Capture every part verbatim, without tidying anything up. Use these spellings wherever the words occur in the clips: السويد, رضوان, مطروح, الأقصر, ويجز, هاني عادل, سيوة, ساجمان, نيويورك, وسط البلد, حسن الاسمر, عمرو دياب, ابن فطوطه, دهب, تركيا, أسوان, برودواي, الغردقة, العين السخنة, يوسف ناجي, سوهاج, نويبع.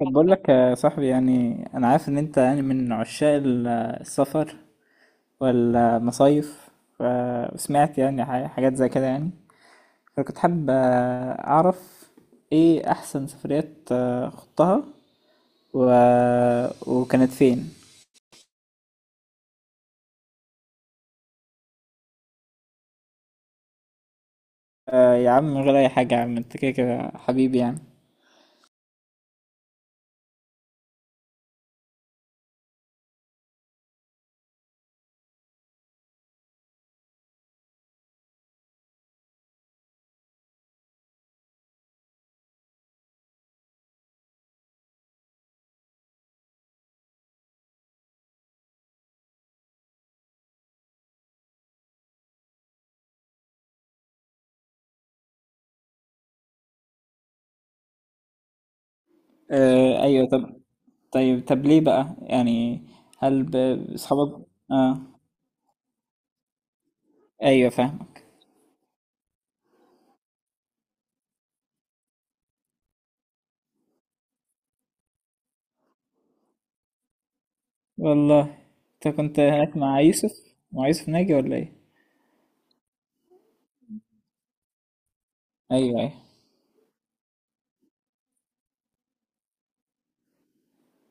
طب بقول لك يا صاحبي، يعني انا عارف ان انت يعني من عشاق ال- السفر والمصايف. وسمعت يعني ح- حاجات زي كده يعني، فكنت حابب اعرف ايه احسن سفريات آه، خضتها و... وكانت فين. آه، يا عم، من غير اي حاجة، يا عم انت كده كده حبيبي يعني. آه، ايوه. طب طيب طب ليه بقى يعني؟ هل ب- بصحابك؟ اه، ايوه، فاهمك. والله، انت كنت هناك مع يوسف مع يوسف ناجي ولا ايه؟ ايوه، ايوه.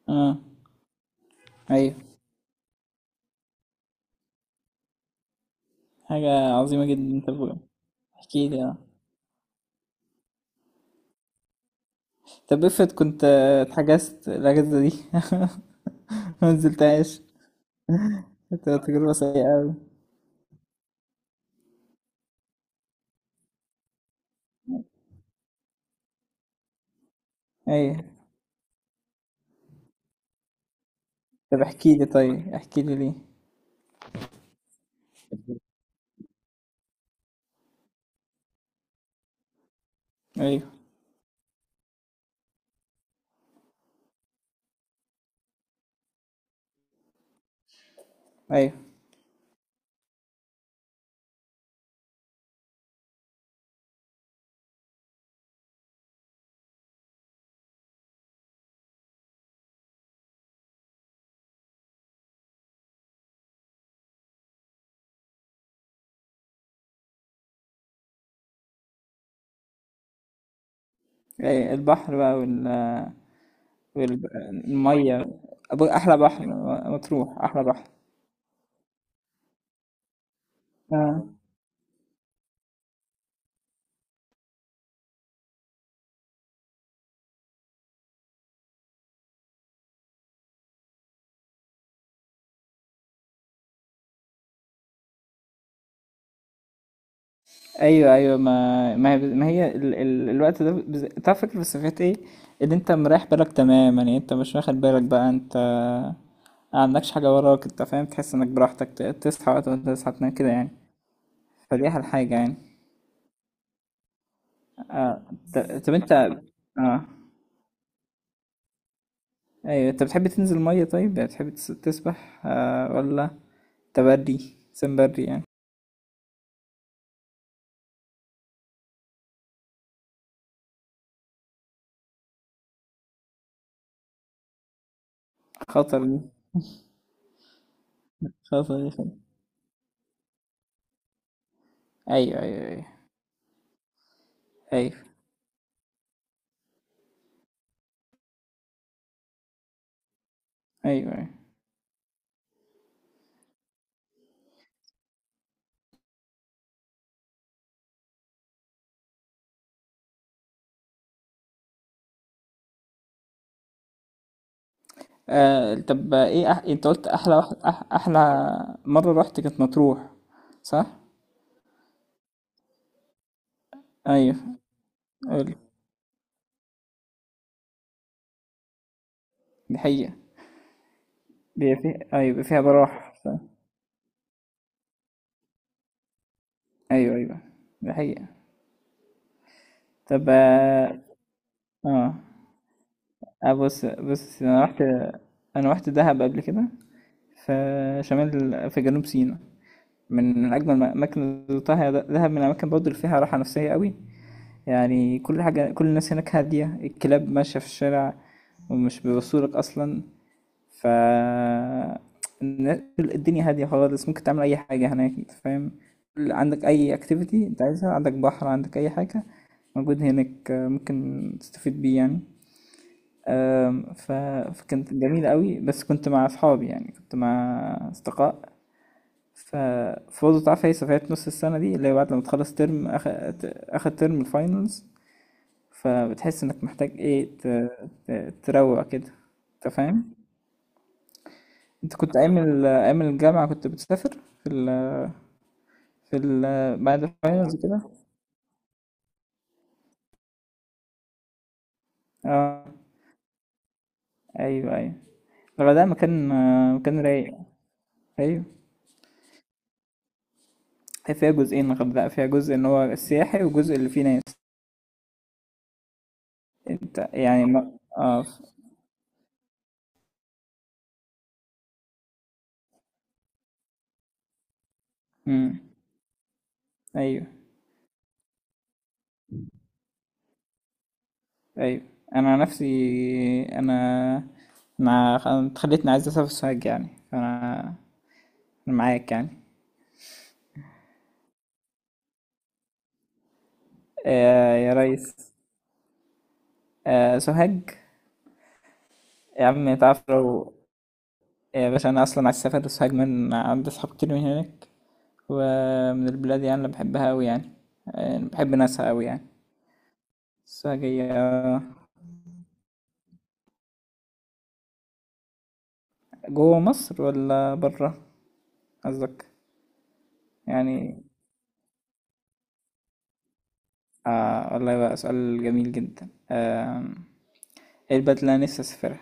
اه، ايوه. حاجة عظيمة جدا. طب احكي لي، اه. طب افرض كنت اتحجزت الاجازة دي ما نزلتهاش، كانت تجربة سيئة اوي. ايوه، طب احكي لي. طيب، احكي لي ليه؟ ايوه، ايوه، ايوه. البحر بقى وال والمية. أبو- احلى بحر. مطروح احلى بحر، اه. أيوه، أيوه. ما ما هي ما هي ال ال الوقت ده بالذ أنت عارف، الفكرة بس في حتّة إيه، إن أنت مريّح بالك تمام. يعني أنت مش واخد بالك بقى، أنت ما عندكش حاجة وراك، أنت فاهم، تحس إنك براحتك، ت تصحى وقت ما أنت تصحى، تنام كده يعني. فدي أحلى حاجة يعني. آه، ط طب أنت، آه، أيوه، أنت بتحب تنزل المَيّة؟ طيب، يعني بتحب تس تسبح آآ والّا تبرّي؟ سِمْ برّي يعني. خطر دي، خطر دي. أيوه، أيوه، أيوه، أيوه، أيوه، أيوه. آه، طب، ايه أح... انت قلت احلى واحد أح... احلى مره رحت كانت مطروح، صح؟ ايوه، قول. دي حقيقه. دي فيها، ايوه، فيها براح، صح؟ ايوه، ايوه، دي حقيقه. طب، اه. آه، آه، بص بص، انا رحت انا رحت دهب قبل كده. في شمال في جنوب سيناء. من من اجمل الاماكن اللي زرتها هي ده- دهب، من الاماكن برضه اللي فيها راحه نفسيه قوي. يعني كل حاجه، كل الناس هناك هاديه، الكلاب ماشيه في الشارع ومش بيبصوا لك اصلا. ف الدنيا هادية خالص، ممكن تعمل أي حاجة هناك أنت فاهم. عندك أي أكتيفيتي أنت عايزها، عندك بحر، عندك أي حاجة موجود هناك ممكن تستفيد بيه يعني. أم، ف... فكانت جميلة قوي، بس كنت مع أصحابي يعني، كنت مع أصدقاء. ف فوضى تعرف، هي سفريات نص السنة دي اللي هي بعد لما تخلص ترم أخ... ت- آخر ترم الفاينلز. فبتحس إنك محتاج إيه ت... ت... تروق كده، أنت فاهم؟ انت كنت ايام ال- ايام الجامعة كنت بتسافر في ال في ال بعد الفاينلز كده. اه، ايوه، ايوه. الغردقة مكان، آه، مكان رايق. ايوه، هي فيها جزئين: الغردقة فيها جزء ان هو السياحي، وجزء اللي فيه ناس. انت يعني ما... اه ف- مم. ايوه، ايوه، انا عن نفسي، انا انا خ- أنا اتخليتني عايز اسافر سوهاج يعني، فانا أنا معاك يعني. آه يا ريس. آه سوهاج. يا عم تعرف لو يا باشا أنا أصلا عايز أسافر ساجمان، عندي أصحاب كتير من هناك ومن البلاد يعني، اللي بحبها أوي يعني. آه، بحب ناسها أوي يعني. ساجية؟ جوه مصر ولا برا قصدك يعني؟ آه والله بقى سؤال جميل جدا. آه إيه البلد اللي أنا نفسي أسافرها؟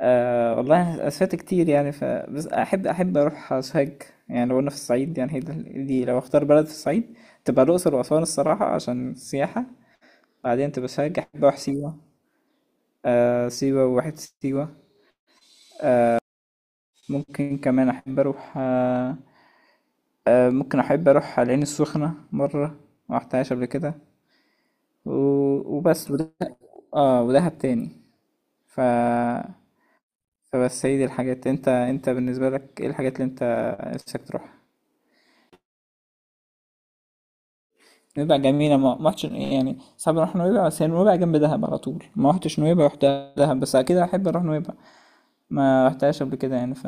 آه والله أنا سافرت كتير يعني، ف بس أحب أحب أروح سوهاج. يعني لو أنا في الصعيد يعني، هي دي دي لو أختار بلد في الصعيد، تبقى الأقصر وأسوان الصراحة عشان السياحة. بعدين تبقى سوهاج. أحب أروح سيوة. آه، سيوة وواحد سيوة. ممكن كمان أحب أروح، آه آه ممكن أحب أروح العين السخنة مرة، ما رحتهاش قبل كده. و- وبس، وده، اه، ودهب تاني. ف فبس هي دي الحاجات. انت انت بالنسبة لك ايه الحاجات اللي انت نفسك تروحها؟ نويبع جميلة، ما ما رحتش يعني، صعب اروح نويبع، بس هي نويبع جنب دهب على طول. ما رحتش نويبع، رحت دهب. بس اكيد احب اروح نويبع، ما رحتهاش قبل كده يعني. ف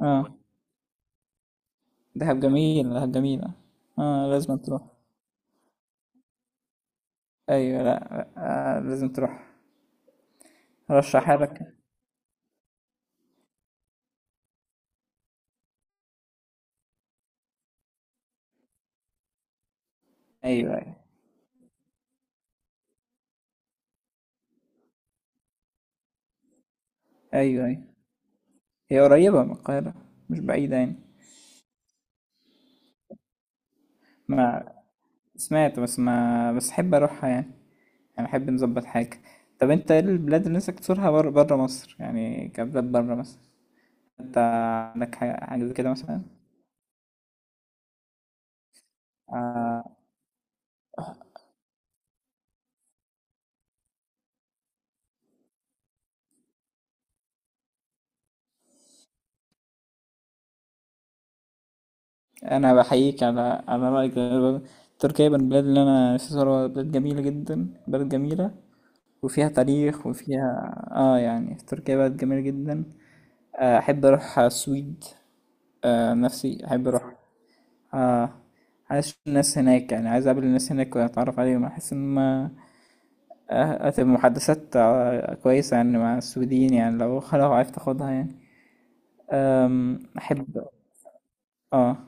اه دهب جميل، دهب جميلة. اه، لازم تروح. ايوه، لا، آه لازم تروح. رشح حالك. ايوه، ايوه، ايوه، ايوه. هي قريبه من القاهره، مش بعيده يعني. ما سمعت، بس ما بس احب اروحها يعني، يعني احب نظبط حاجه. طب انت ايه البلاد اللي نفسك تزورها بره، بره مصر يعني، كبلاد بره مصر انت عندك حاجه، حاجة زي كده مثلا؟ آه انا بحييك على على رايك ده. تركيا من البلاد اللي انا نفسي ازورها، بلاد جميله جدا بلد جميله، وفيها تاريخ، وفيها اه يعني تركيا بلد جميله جدا. آه، احب اروح السويد. آه، نفسي احب اروح. آه، عايز اشوف الناس هناك يعني، عايز اقابل الناس هناك واتعرف عليهم. احس ان ما آه، هتبقى محادثات آه، كويسة يعني مع السويديين يعني، لو لو عرفت اخدها يعني. آم، احب. اه،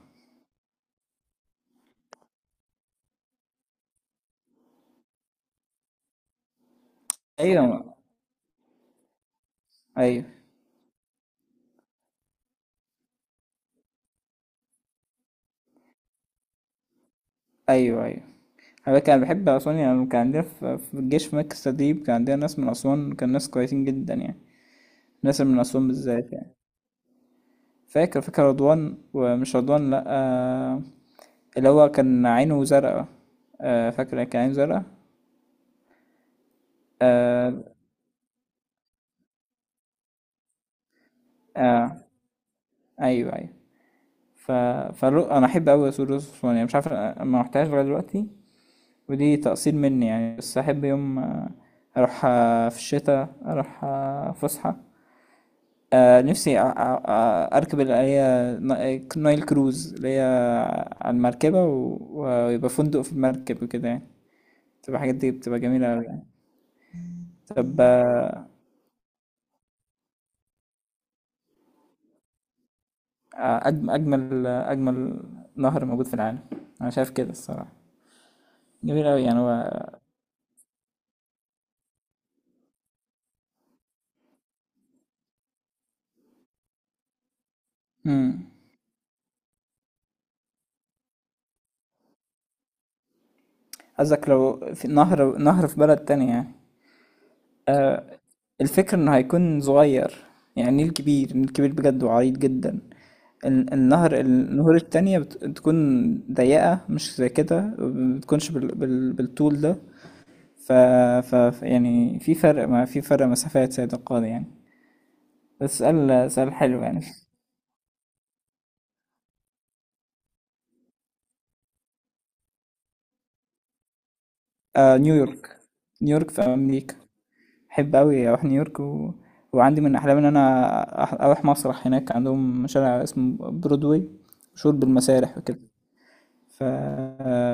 ايوه، ايوه، ايوه، ايوه، انا كان بحب اسوان يعني. كان عندنا في في الجيش في مركز تدريب، كان عندنا ناس من اسوان، كان ناس كويسين جدا يعني، ناس من اسوان بالذات يعني. فاكر فاكر رضوان. ومش رضوان، لا. آه، اللي هو كان عينه زرقا. آه، فاكرة كان عينه زرقا. آه آه أيوه، أيوه. ف... فالرو... أنا أحب أوي أسود رز يعني، مش عارف، أنا ما رحتهاش لغاية دلوقتي، ودي تقصير مني يعني. بس أحب يوم آه، أروح، آه، في الشتاء أروح آه، فسحة. آه، نفسي أ- أ- أ- أركب اللي هي نا- نايل كروز، اللي هي على المركبة، و... ويبقى فندق في المركب وكده يعني. تبقى الحاجات دي بتبقى جميلة أوي يعني. طب، آه، آه، أجم- أجمل أجمل نهر موجود في العالم، أنا شايف كده الصراحة. جميل أوي يعني هو. مم. قصدك لو في نهر نهر في بلد تانية يعني؟ آه الفكرة إنه هيكون صغير. يعني النيل كبير، النيل كبير بجد وعريض جدا. ال- النهر النهور التانية بت- بتكون ضيقة، مش زي كده، مبتكونش بال بال بالطول ده. ف... ف ف- يعني في فرق، ما في فرق مسافات سيد القاضي يعني. ده سؤال سؤال حلو يعني. آه نيويورك نيويورك في امريكا. احب قوي اروح نيويورك، و... وعندي من احلامي ان انا أح- اروح مسرح هناك، عندهم شارع اسمه برودواي، مشهور بالمسارح وكده. ف...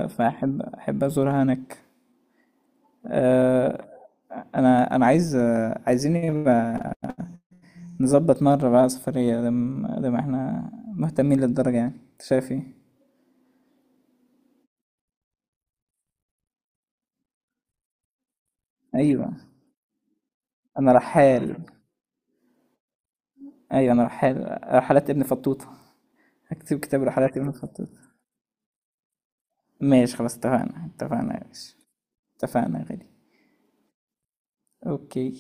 فاحب احب ازورها هناك. آه انا انا عايز، آه، عايزين يبقى نظبط مره بقى سفريه، لما لما احنا مهتمين للدرجه يعني. انت شايف ايه؟ ايوه انا رحال ايوه انا رحال رحلات ابن فطوطه. هكتب كتاب رحلات ابن فطوطه. ماشي، خلاص، اتفقنا. اتفقنا يا باشا. اتفقنا يا غالي. اوكي.